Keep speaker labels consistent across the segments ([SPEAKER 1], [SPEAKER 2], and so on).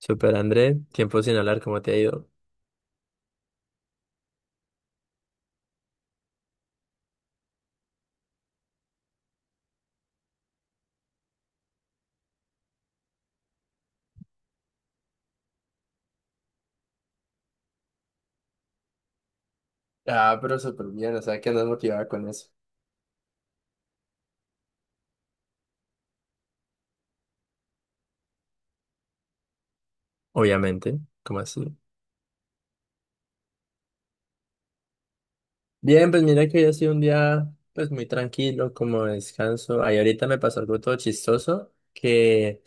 [SPEAKER 1] Super André, tiempo sin hablar, ¿cómo te ha ido? Ah, pero súper bien, o sea, que andas motivada con eso. Obviamente, ¿cómo así? Bien, pues mira que hoy ha sido un día pues muy tranquilo, como de descanso. Ahí ahorita me pasó algo todo chistoso que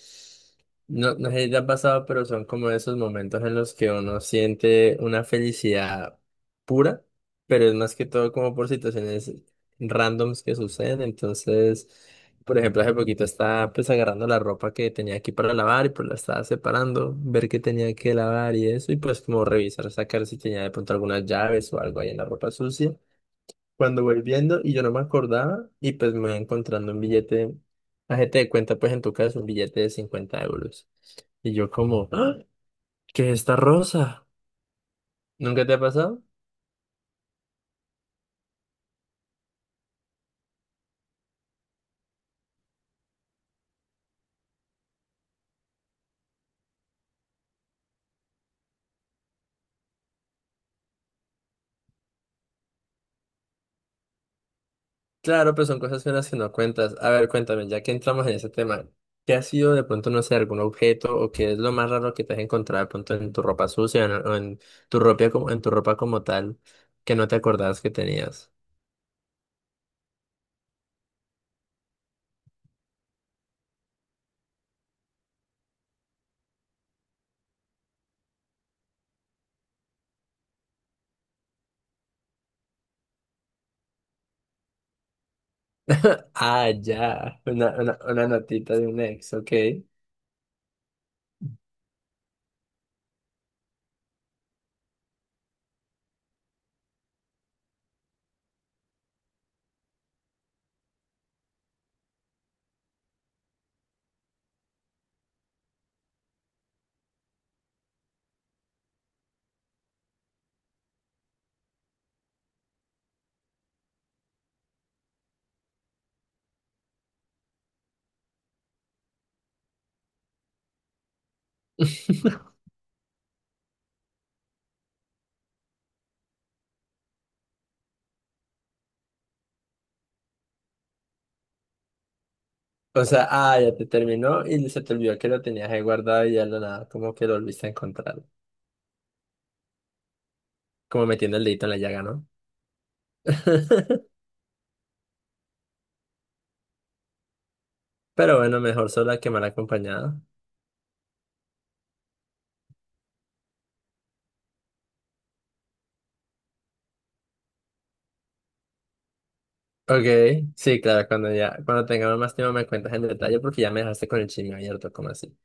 [SPEAKER 1] no sé si te ha pasado, pero son como esos momentos en los que uno siente una felicidad pura, pero es más que todo como por situaciones randoms que suceden. Entonces, por ejemplo, hace poquito estaba pues agarrando la ropa que tenía aquí para lavar y pues la estaba separando, ver qué tenía que lavar y eso, y pues como revisar, sacar si tenía de pronto algunas llaves o algo ahí en la ropa sucia cuando voy viendo y yo no me acordaba y pues me voy encontrando un billete, la gente de cuenta pues en tu caso un billete de 50 euros. Y yo como, ¡ah! ¿Qué es esta rosa? ¿Nunca te ha pasado? Claro, pues son cosas finas que no cuentas. A ver, cuéntame, ya que entramos en ese tema, ¿qué ha sido de pronto, no sé, algún objeto o qué es lo más raro que te has encontrado de pronto en tu ropa sucia o en tu ropa como, en tu ropa como tal que no te acordabas que tenías? Ah, ya, una notita de un ex, ok. O sea, ah, ya te terminó y se te olvidó que lo tenías ahí guardado y ya lo nada, como que lo volviste a encontrar. Como metiendo el dedito en la llaga, ¿no? Pero bueno, mejor sola que mal acompañada. Ok, sí, claro, cuando ya, cuando tengamos más tiempo me cuentas en detalle porque ya me dejaste con el chisme abierto, como así.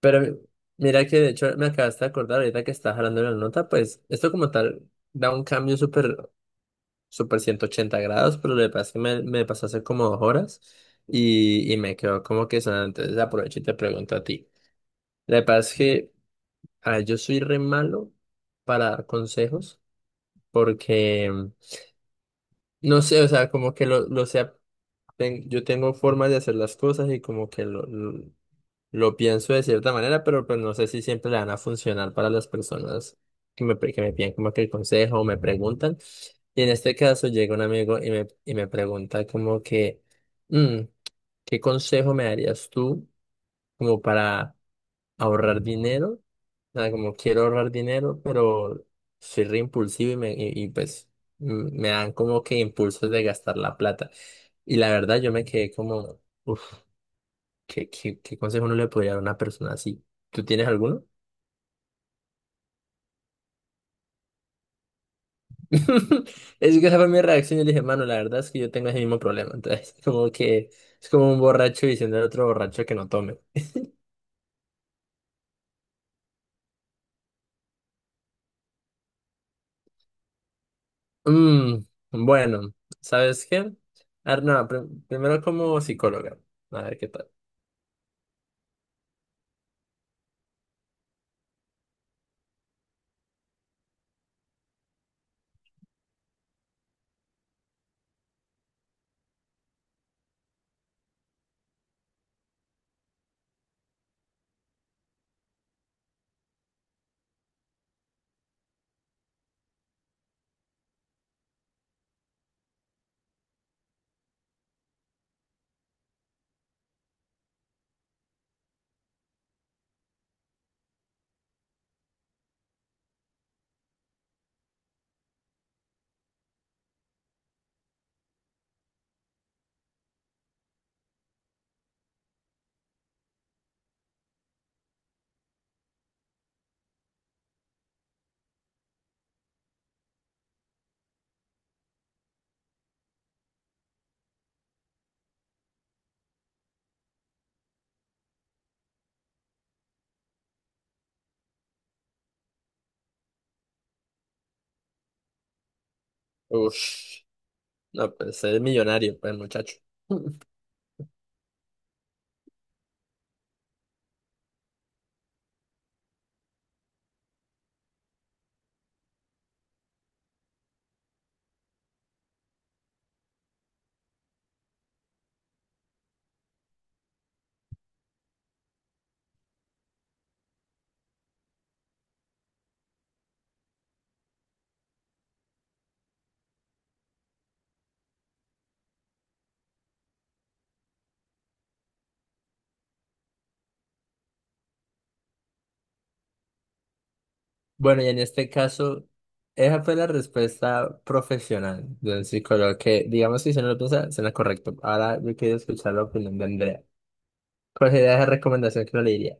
[SPEAKER 1] Pero mi- Mira que de hecho me acabaste de acordar ahorita que estás hablando de la nota, pues esto como tal da un cambio súper super 80 grados, pero lo le pasa es que me pasó hace como 2 horas y me quedó como que sonando. Entonces aprovecho y te pregunto a ti. Lo que pasa es que a ver, yo soy re malo para dar consejos porque no sé, o sea, como que lo sea, yo tengo formas de hacer las cosas y como que lo Lo pienso de cierta manera, pero pues no sé si siempre le van a funcionar para las personas que que me piden como que el consejo o me preguntan. Y en este caso llega un amigo y y me pregunta como que, "Mm, ¿Qué consejo me darías tú como para ahorrar dinero? O sea, como quiero ahorrar dinero, pero soy re impulsivo y pues me dan como que impulsos de gastar la plata. Y la verdad yo me quedé como... "Uf, ¿qué consejo no le podría dar a una persona así? ¿Tú tienes alguno? Es que esa fue mi reacción. Yo le dije, mano, la verdad es que yo tengo ese mismo problema. Entonces, como que es como un borracho diciendo al otro borracho que no tome. Mm, bueno, ¿sabes qué? A ver, no, primero como psicóloga. A ver qué tal. Ush, no, pues es millonario, pues, muchacho. Bueno, y en este caso, esa fue la respuesta profesional del psicólogo que, digamos, que si se no lo piensa, suena correcto. Ahora yo quiero escuchar la opinión de Andrea. ¿Cuál sería esa recomendación que no le diría?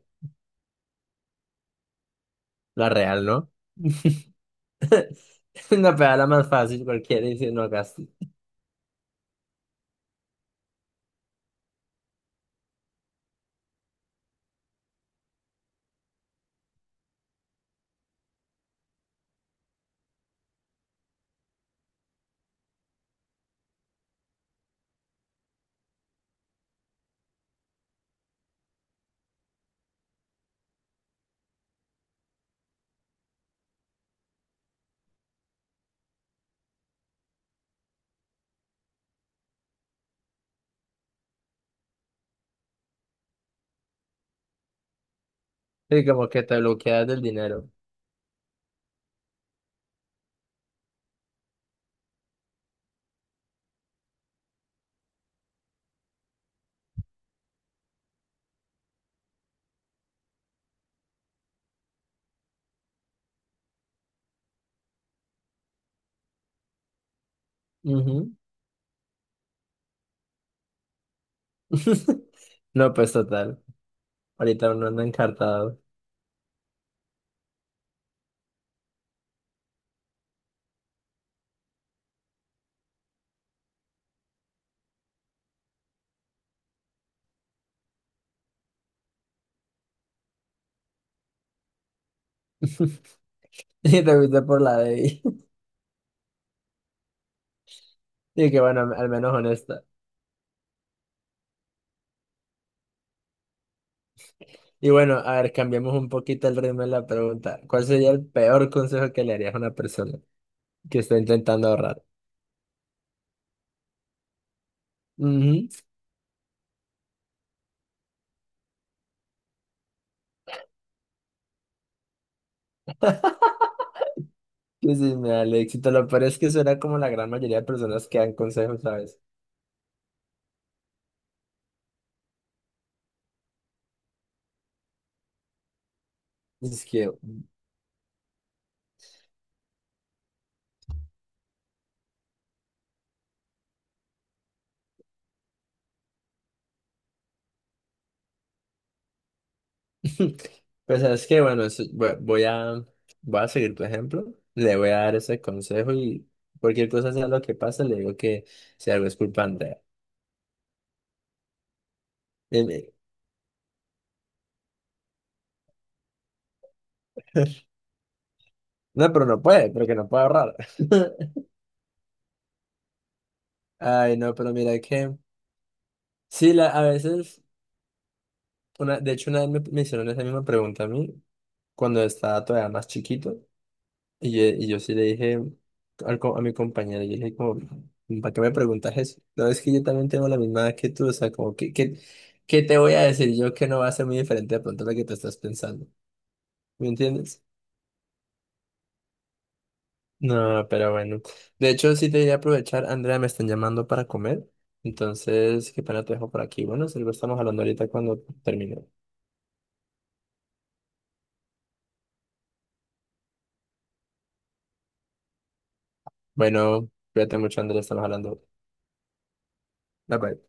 [SPEAKER 1] La real, ¿no? Una pedala más fácil, cualquiera dice no gastes. Y como que te bloqueas del dinero. Ujú. No, pues total. Ahorita uno anda encartado. Y te fuiste por la de ahí. Y que bueno, al menos honesta. Y bueno, a ver, cambiemos un poquito el ritmo de la pregunta. ¿Cuál sería el peor consejo que le harías a una persona que está intentando ahorrar? Ujú. Que si me da el éxito, lo peor es que suena como la gran mayoría de personas que dan consejos, ¿sabes? Es que, pues sabes que, bueno, voy a seguir tu ejemplo, le voy a dar ese consejo y cualquier cosa sea lo que pase, le digo que si algo es culpa de Andrea. Y me- No, pero no puede, porque no puede ahorrar. Ay, no, pero mira que, sí, la, a veces. Una, de hecho, una vez me hicieron esa misma pregunta a mí cuando estaba todavía más chiquito y yo sí le dije a mi compañera, yo le dije como, ¿para qué me preguntas eso? No, es que yo también tengo la misma edad que tú, o sea, como que, ¿qué te voy a decir yo que no va a ser muy diferente de pronto a lo que tú estás pensando? ¿Me entiendes? No, pero bueno. De hecho, sí te voy a aprovechar, Andrea, me están llamando para comer, entonces, qué pena te dejo por aquí. Bueno, si lo estamos hablando ahorita cuando termine. Bueno, cuídate mucho, Andrea, estamos hablando. Bye bye.